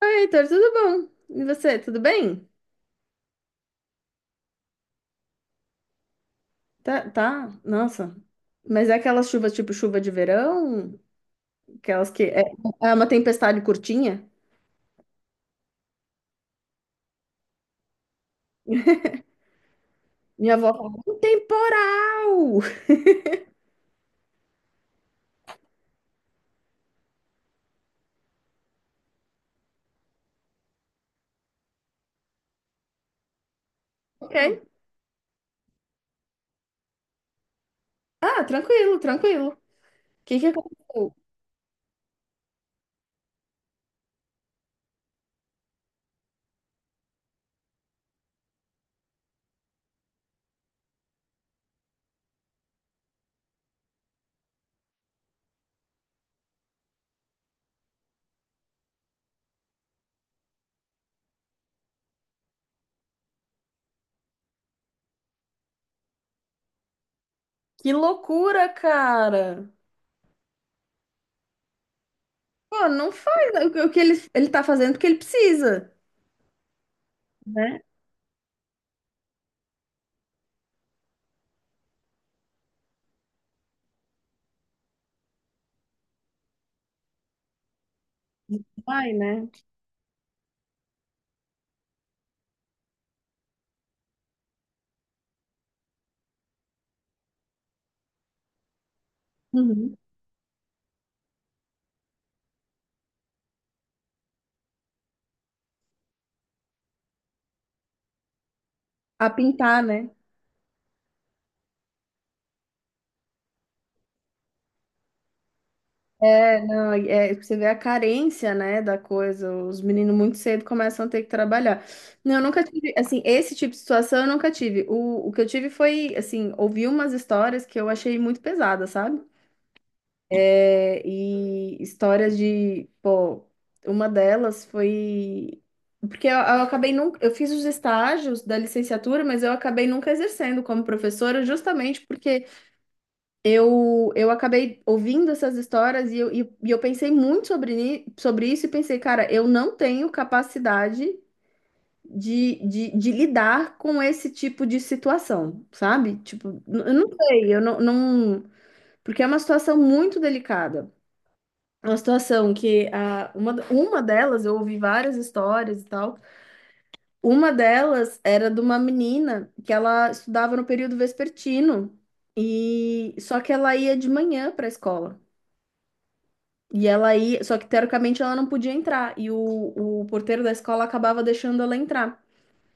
Heitor, tudo bom? E você, tudo bem? Tá, tá, nossa. Mas é aquelas chuvas tipo chuva de verão? Aquelas é uma tempestade curtinha? Minha avó falou, um temporal! Ok. Ah, tranquilo, tranquilo. O que aconteceu? Que loucura, cara! Pô, não faz o que ele tá fazendo porque ele precisa, né? Vai, né? Uhum. A pintar, né? É, não, é, você vê a carência, né, da coisa. Os meninos muito cedo começam a ter que trabalhar. Não, eu nunca tive, assim, esse tipo de situação eu nunca tive. O que eu tive foi, assim, ouvi umas histórias que eu achei muito pesadas, sabe? É, e histórias de, pô, uma delas foi porque eu acabei nunca, eu fiz os estágios da licenciatura, mas eu acabei nunca exercendo como professora, justamente porque eu acabei ouvindo essas histórias e eu, e eu pensei muito sobre, sobre isso e pensei, cara, eu não tenho capacidade de lidar com esse tipo de situação, sabe? Tipo, eu não sei, eu não, não... Porque é uma situação muito delicada. É uma situação uma delas, eu ouvi várias histórias e tal, uma delas era de uma menina que ela estudava no período vespertino e só que ela ia de manhã para a escola. E ela aí, só que teoricamente ela não podia entrar, e o porteiro da escola acabava deixando ela entrar.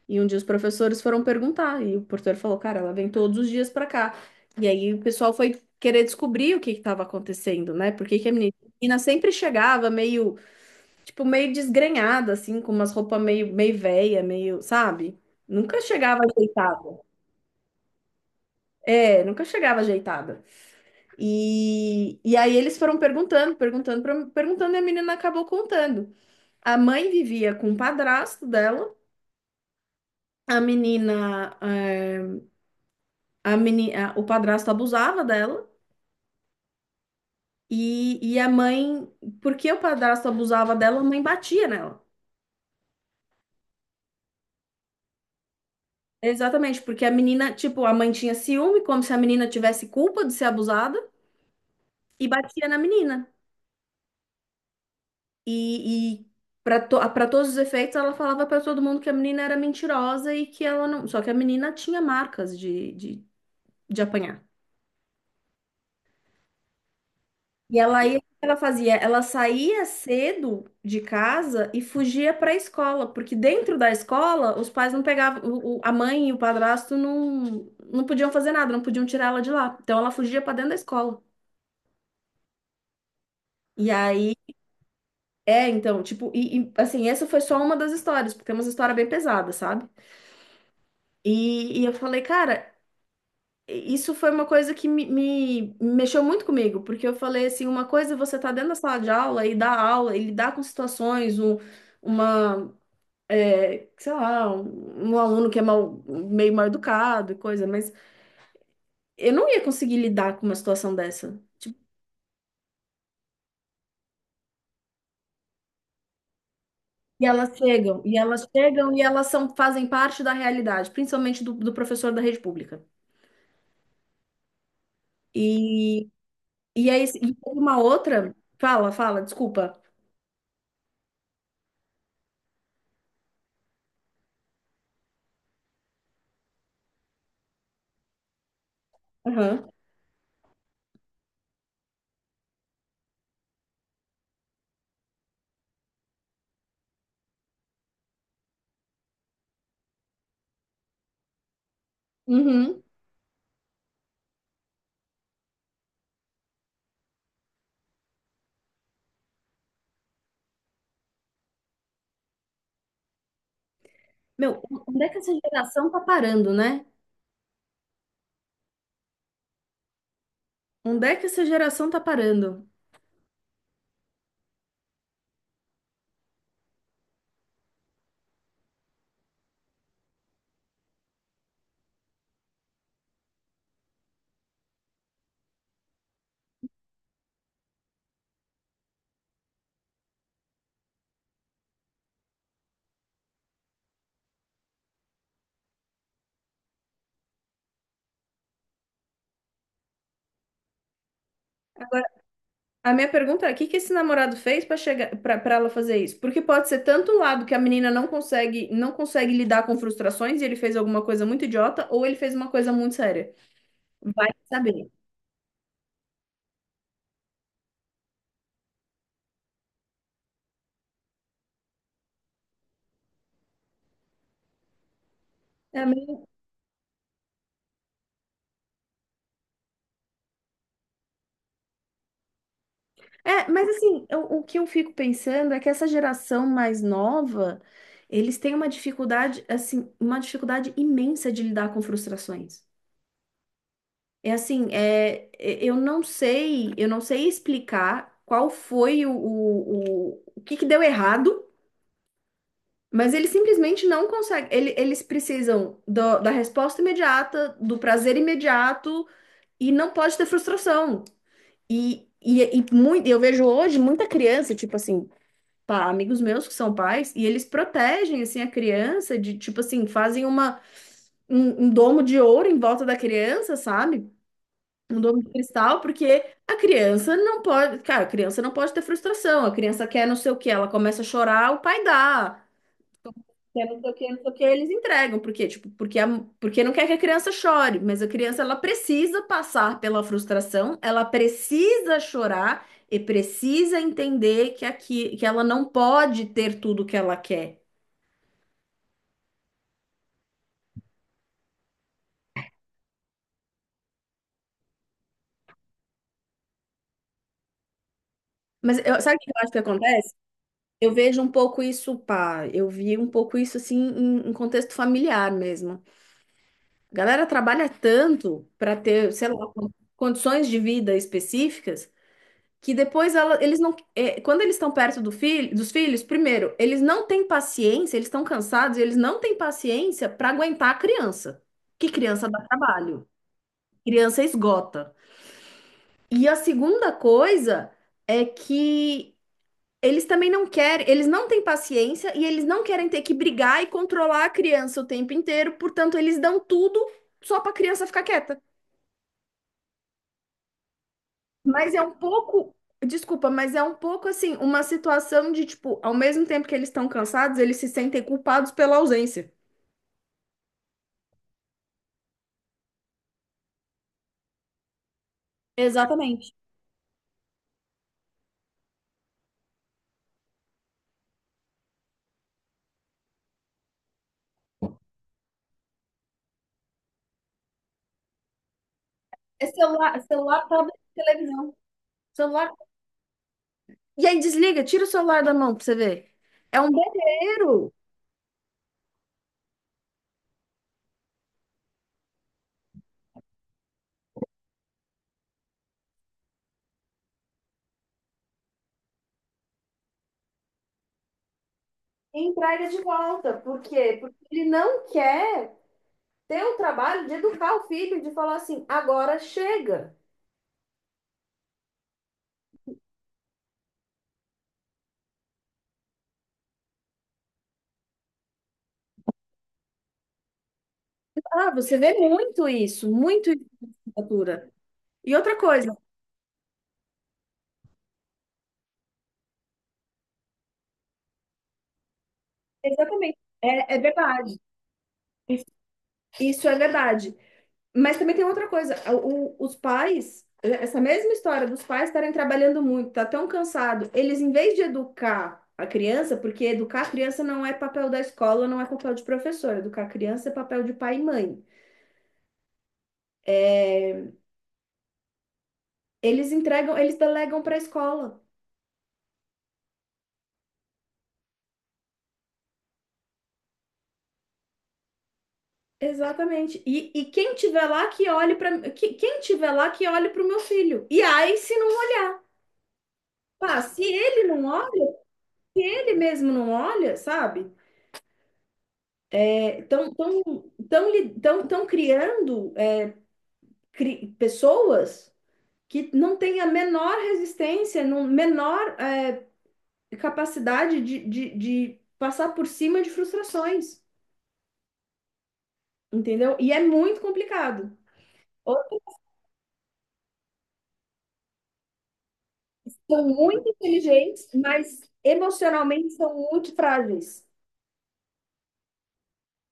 E um dia os professores foram perguntar, e o porteiro falou: cara, ela vem todos os dias pra cá. E aí o pessoal foi querer descobrir o que que estava acontecendo, né? Por que que a menina sempre chegava meio, tipo, meio desgrenhada, assim, com umas roupas meio, meio velha, meio, sabe? Nunca chegava ajeitada. É, nunca chegava ajeitada. E aí eles foram perguntando, e a menina acabou contando. A mãe vivia com o padrasto dela, a menina, o padrasto abusava dela, e a mãe, porque o padrasto abusava dela, a mãe batia nela. Exatamente, porque a menina, tipo, a mãe tinha ciúme, como se a menina tivesse culpa de ser abusada, e batia na menina. E, e Para para todos os efeitos, ela falava para todo mundo que a menina era mentirosa e que ela não. Só que a menina tinha marcas de apanhar. E ela ia, o que ela fazia? Ela saía cedo de casa e fugia para a escola, porque dentro da escola os pais não pegavam, a mãe e o padrasto não podiam fazer nada, não podiam tirar ela de lá. Então ela fugia para dentro da escola. E aí, é, então, tipo, assim, essa foi só uma das histórias, porque é uma história bem pesada, sabe? E eu falei, cara, isso foi uma coisa que mexeu muito comigo, porque eu falei assim, uma coisa é você tá dentro da sala de aula e dar aula, e lidar com situações, uma, é, sei lá, um aluno que é mal, meio mal educado e coisa, mas eu não ia conseguir lidar com uma situação dessa. Tipo, e elas chegam, e elas são, fazem parte da realidade, principalmente do, do professor da rede pública. E, e aí, e uma outra, fala, fala, desculpa. Aham. Uhum. Meu, onde é que essa geração tá parando, né? Onde é que essa geração tá parando? A minha pergunta é, o que que esse namorado fez para chegar para ela fazer isso? Porque pode ser tanto o lado que a menina não consegue lidar com frustrações e ele fez alguma coisa muito idiota, ou ele fez uma coisa muito séria. Vai saber. É, mas assim, o que eu fico pensando é que essa geração mais nova, eles têm uma dificuldade, assim, uma dificuldade imensa de lidar com frustrações. É assim, é, eu não sei explicar qual foi o que que deu errado, mas eles simplesmente não conseguem. Eles precisam da resposta imediata, do prazer imediato e não pode ter frustração. Muito, eu vejo hoje muita criança, tipo assim, pá, amigos meus que são pais, e eles protegem assim a criança de tipo assim, fazem um domo de ouro em volta da criança, sabe? Um domo de cristal, porque a criança não pode, cara, a criança não pode ter frustração. A criança quer não sei o que, ela começa a chorar, o pai dá. Quer não sei o que, não sei o que, eles entregam. Por quê? Tipo, porque, a, porque não quer que a criança chore, mas a criança ela precisa passar pela frustração, ela precisa chorar e precisa entender que aqui, que ela não pode ter tudo que ela quer. Sabe o que eu acho que acontece? Eu vejo um pouco isso, pá, eu vi um pouco isso assim em contexto familiar mesmo. A galera trabalha tanto para ter, sei lá, condições de vida específicas que depois eles não, é, quando eles estão perto do filho, dos filhos, primeiro, eles não têm paciência, eles estão cansados, e eles não têm paciência para aguentar a criança. Que criança dá trabalho, criança esgota. E a segunda coisa é que eles também não querem, eles não têm paciência e eles não querem ter que brigar e controlar a criança o tempo inteiro, portanto, eles dão tudo só para a criança ficar quieta. Mas é um pouco, desculpa, mas é um pouco assim, uma situação de tipo, ao mesmo tempo que eles estão cansados, eles se sentem culpados pela ausência. Exatamente. É celular, celular, tablet, televisão. Celular. E aí desliga, tira o celular da mão pra você ver. É um berreiro em praia de volta. Por quê? Porque ele não quer ter o trabalho de educar o filho, de falar assim, agora chega. Ah, você vê muito isso, muito isso na cultura. E outra coisa, exatamente, é, é verdade. Isso isso é verdade. Mas também tem outra coisa, os pais, essa mesma história dos pais estarem trabalhando muito, tá tão cansado, eles em vez de educar a criança, porque educar a criança não é papel da escola, não é papel de professor, educar a criança é papel de pai e mãe. É, eles entregam, eles delegam para a escola. Exatamente. E quem tiver lá que olhe para quem tiver lá que olhe para o meu filho. E aí se não olhar, pá, se ele não olha, ele mesmo não olha, sabe? Estão estão criando pessoas que não têm a menor resistência, não, menor é, capacidade de passar por cima de frustrações, entendeu? E é muito complicado. Outros são muito inteligentes, mas emocionalmente são muito frágeis,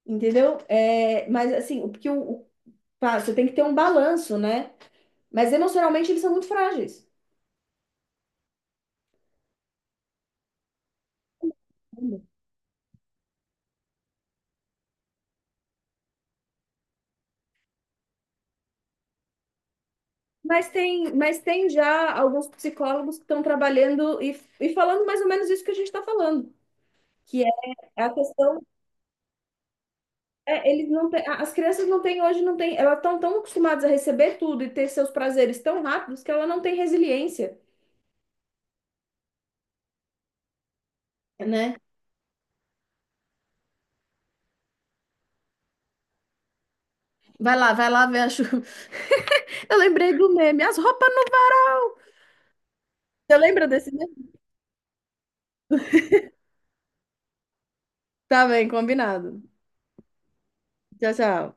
entendeu? É, mas assim, pá, você tem que ter um balanço, né? Mas emocionalmente eles são muito frágeis. Mas tem já alguns psicólogos que estão trabalhando e falando mais ou menos isso que a gente está falando, que é a questão, é, eles não têm- a- as crianças não têm hoje, não têm, elas estão tão tão acostumadas a receber tudo e ter seus prazeres tão rápidos que ela não tem resiliência, né? Vai lá ver a chuva. Eu lembrei do meme, as roupas não. Você lembra desse meme? Tá bem, combinado. Tchau, tchau.